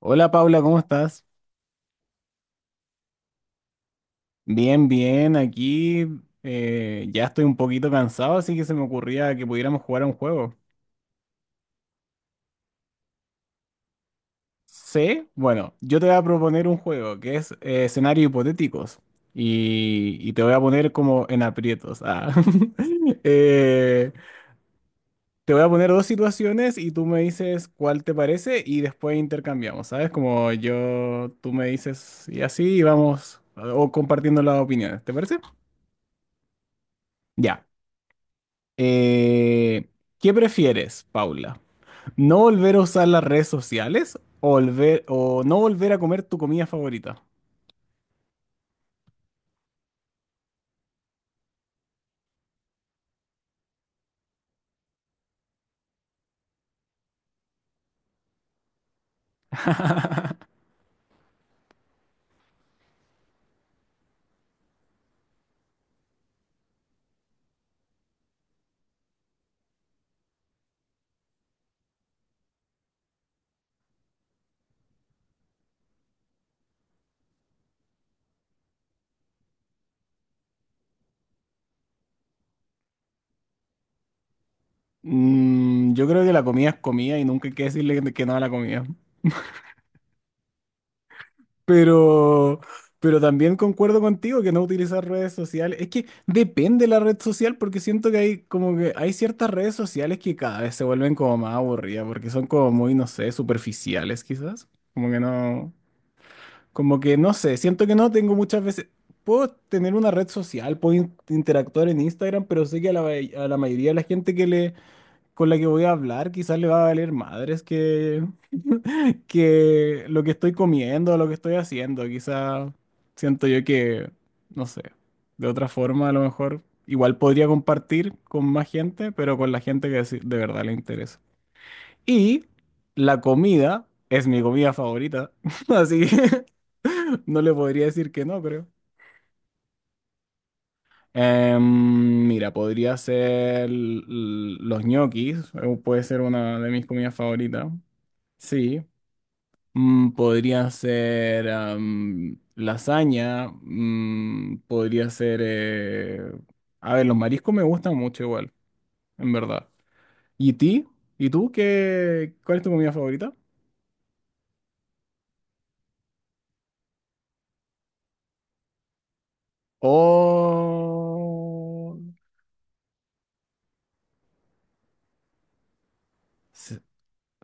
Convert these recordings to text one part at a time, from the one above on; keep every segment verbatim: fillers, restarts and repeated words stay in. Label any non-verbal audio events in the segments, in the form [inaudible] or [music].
Hola Paula, ¿cómo estás? Bien, bien, aquí eh, ya estoy un poquito cansado, así que se me ocurría que pudiéramos jugar a un juego. Sí, bueno, yo te voy a proponer un juego que es eh, escenarios hipotéticos y, y te voy a poner como en aprietos. Ah. [laughs] Eh, te voy a poner dos situaciones y tú me dices cuál te parece y después intercambiamos, ¿sabes? Como yo, tú me dices y así vamos o compartiendo las opiniones, ¿te parece? Ya. Eh, ¿qué prefieres, Paula? ¿No volver a usar las redes sociales o, volver, o no volver a comer tu comida favorita? Mm, yo creo que la comida es comida y nunca hay que decirle que que no a la comida. Pero, pero también concuerdo contigo que no utilizar redes sociales. Es que depende la red social porque siento que hay como que hay ciertas redes sociales que cada vez se vuelven como más aburridas porque son como muy, no sé, superficiales quizás. Como que no. Como que no sé, siento que no tengo muchas veces. Puedo tener una red social, puedo in- interactuar en Instagram, pero sé que a la, may- a la mayoría de la gente que le, con la que voy a hablar quizás le va a valer madres que, [laughs] que lo que estoy comiendo, lo que estoy haciendo. Quizás siento yo que, no sé, de otra forma a lo mejor igual podría compartir con más gente, pero con la gente que sí- de verdad le interesa. Y la comida es mi comida favorita, [laughs] así que [laughs] no le podría decir que no, creo. Em, mira, podría ser l- l- los ñoquis, eh, puede ser una de mis comidas favoritas, sí. Mm, podría ser am, lasaña, mm, podría ser... eh, a ver, los mariscos me gustan mucho igual, en verdad. ¿Y ti? ¿Y tú qué? ¿Cuál es tu comida favorita? Oh. Sí,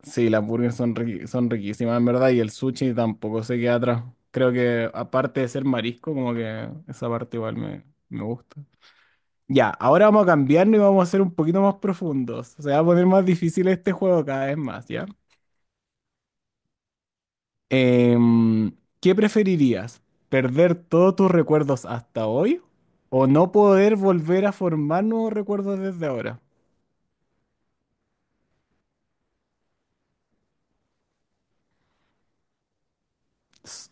sí, las burgers son, riqui- son riquísimas, en verdad, y el sushi tampoco se queda atrás. Creo que aparte de ser marisco, como que esa parte igual me, me gusta. Ya, ahora vamos a cambiarnos y vamos a ser un poquito más profundos. Se va a poner más difícil este juego cada vez más, ¿ya? Em, ¿qué preferirías? ¿Perder todos tus recuerdos hasta hoy o no poder volver a formar nuevos recuerdos desde ahora? S-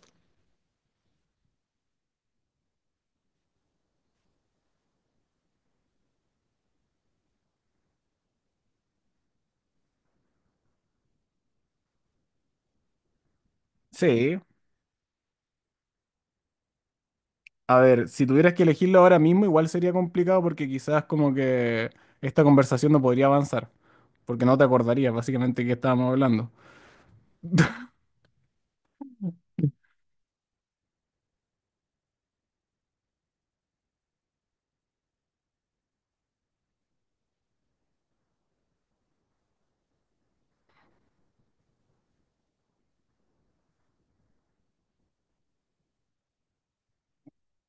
Sí, a ver, si tuvieras que elegirlo ahora mismo, igual sería complicado porque quizás como que esta conversación no podría avanzar, porque no te acordarías básicamente que estábamos hablando. [laughs]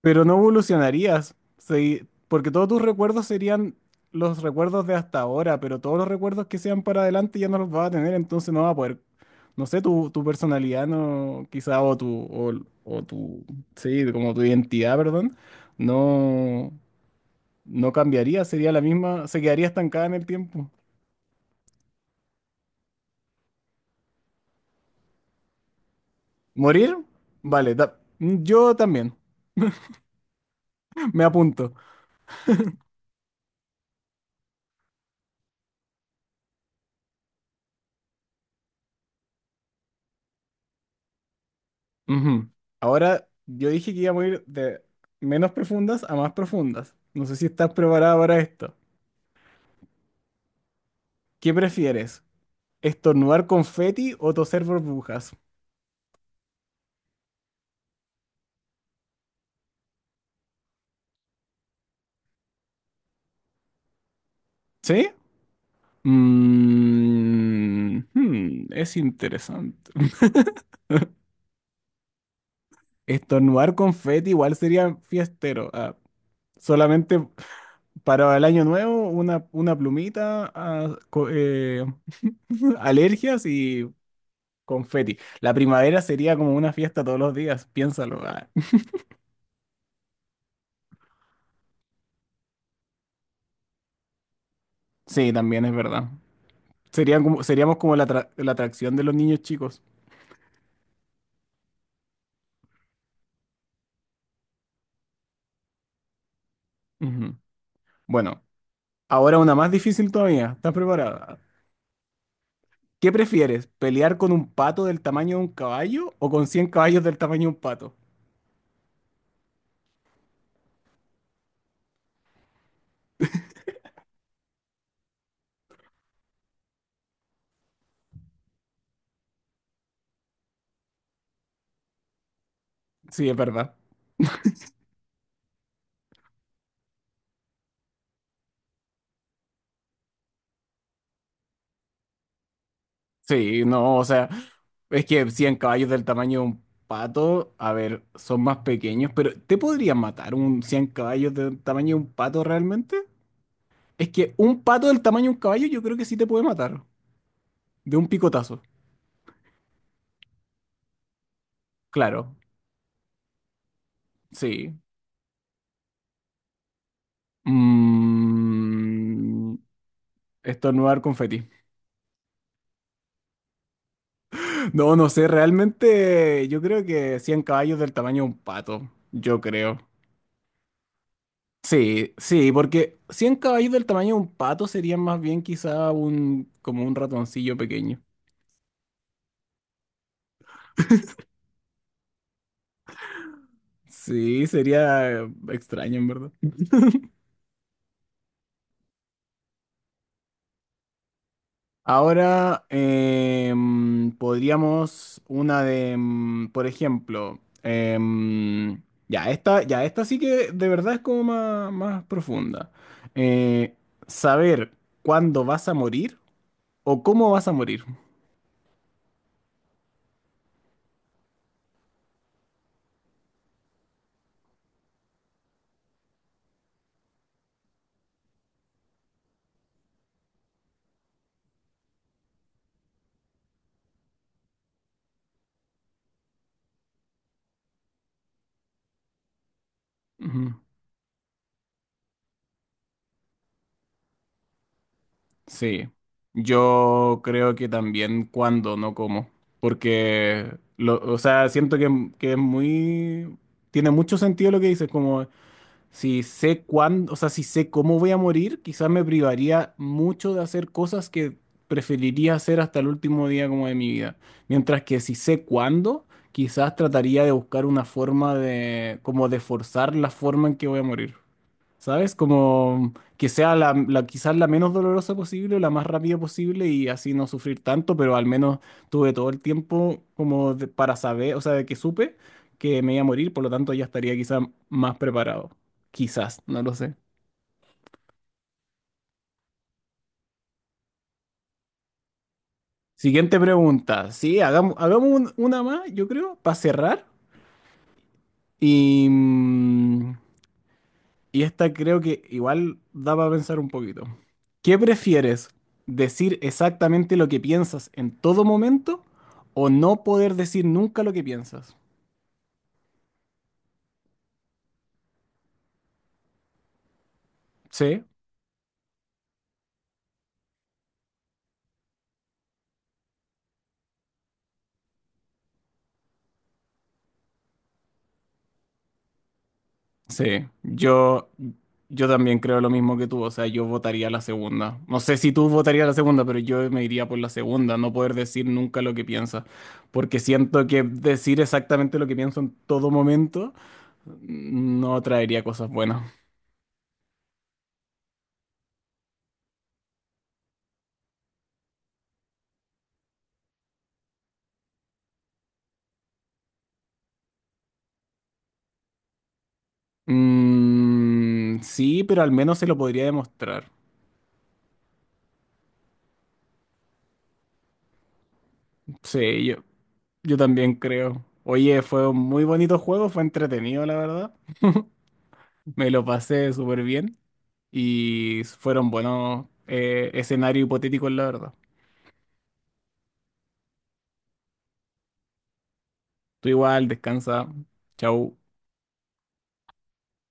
Pero no evolucionarías, segui- porque todos tus recuerdos serían los recuerdos de hasta ahora, pero todos los recuerdos que sean para adelante ya no los vas a tener, entonces no vas a poder, no sé, tu, tu personalidad no, quizá, o tu, o, o tu, sí, como tu identidad, perdón, no, no cambiaría, sería la misma, se quedaría estancada en el tiempo. ¿Morir? Vale, ta- yo también. Me apunto. Ujú. Ahora, yo dije que iba a morir de menos profundas a más profundas. No sé si estás preparada para esto. ¿Qué prefieres? ¿Estornudar confeti o toser burbujas? ¿Sí? Mm, hmm, es interesante. Estornudar confeti igual sería fiestero. Ah, solamente para el año nuevo, una, una plumita, ah, co- eh, [laughs] alergias y confeti. La primavera sería como una fiesta todos los días, piénsalo. Ah. Sí, también es verdad. Serían como, seríamos como la, atra- la atracción de los niños chicos. Ujú. Bueno, ahora una más difícil todavía. ¿Estás preparada? ¿Qué prefieres? ¿Pelear con un pato del tamaño de un caballo o con cien caballos del tamaño de un pato? Sí, es verdad. Sí, no, o sea, es que cien caballos del tamaño de un pato, a ver, son más pequeños, pero ¿te podrían matar un cien caballos del tamaño de un pato realmente? Es que un pato del tamaño de un caballo yo creo que sí te puede matar. De un picotazo. Claro, sí. Mm, estornudar confeti. No, no sé, realmente yo creo que cien caballos del tamaño de un pato. Yo creo. Sí, sí, porque cien caballos del tamaño de un pato serían más bien quizá un, como un ratoncillo pequeño. Sí, sería extraño en verdad. Ahora em, podríamos una de, em, por ejemplo, em, ya esta, ya esta sí que de verdad es como más, más profunda. Eh, saber cuándo vas a morir o cómo vas a morir. Ujú. Sí, yo creo que también cuándo, no cómo, porque, lo- o sea, siento que, que es muy, tiene mucho sentido lo que dices, como si sé cuándo, o sea, si sé cómo voy a morir, quizás me privaría mucho de hacer cosas que preferiría hacer hasta el último día como de mi vida. Mientras que si sé cuándo, quizás trataría de buscar una forma de, como de forzar la forma en que voy a morir. ¿Sabes? Como que sea la, la- quizás la menos dolorosa posible o la más rápida posible y así no sufrir tanto, pero al menos tuve todo el tiempo como de- para saber, o sea, de que supe que me iba a morir, por lo tanto ya estaría quizás más preparado. Quizás, no lo sé. Siguiente pregunta. Sí, hagamos, hagamos un- una más, yo creo, para cerrar. Y, mm, y esta creo que igual da para pensar un poquito. ¿Qué prefieres? ¿Decir exactamente lo que piensas en todo momento o no poder decir nunca lo que piensas? Sí, sí. Yo, yo también creo lo mismo que tú. O sea, yo votaría la segunda. No sé si tú votarías la segunda, pero yo me iría por la segunda, no poder decir nunca lo que piensas. Porque siento que decir exactamente lo que pienso en todo momento mm, no traería cosas buenas. Mm, sí, pero al menos se lo podría demostrar. Sí, yo, yo también creo. Oye, fue un muy bonito juego, fue entretenido, la verdad. [laughs] Me lo pasé súper bien y fueron buenos eh, escenarios hipotéticos, la verdad. Tú igual, descansa. Chau.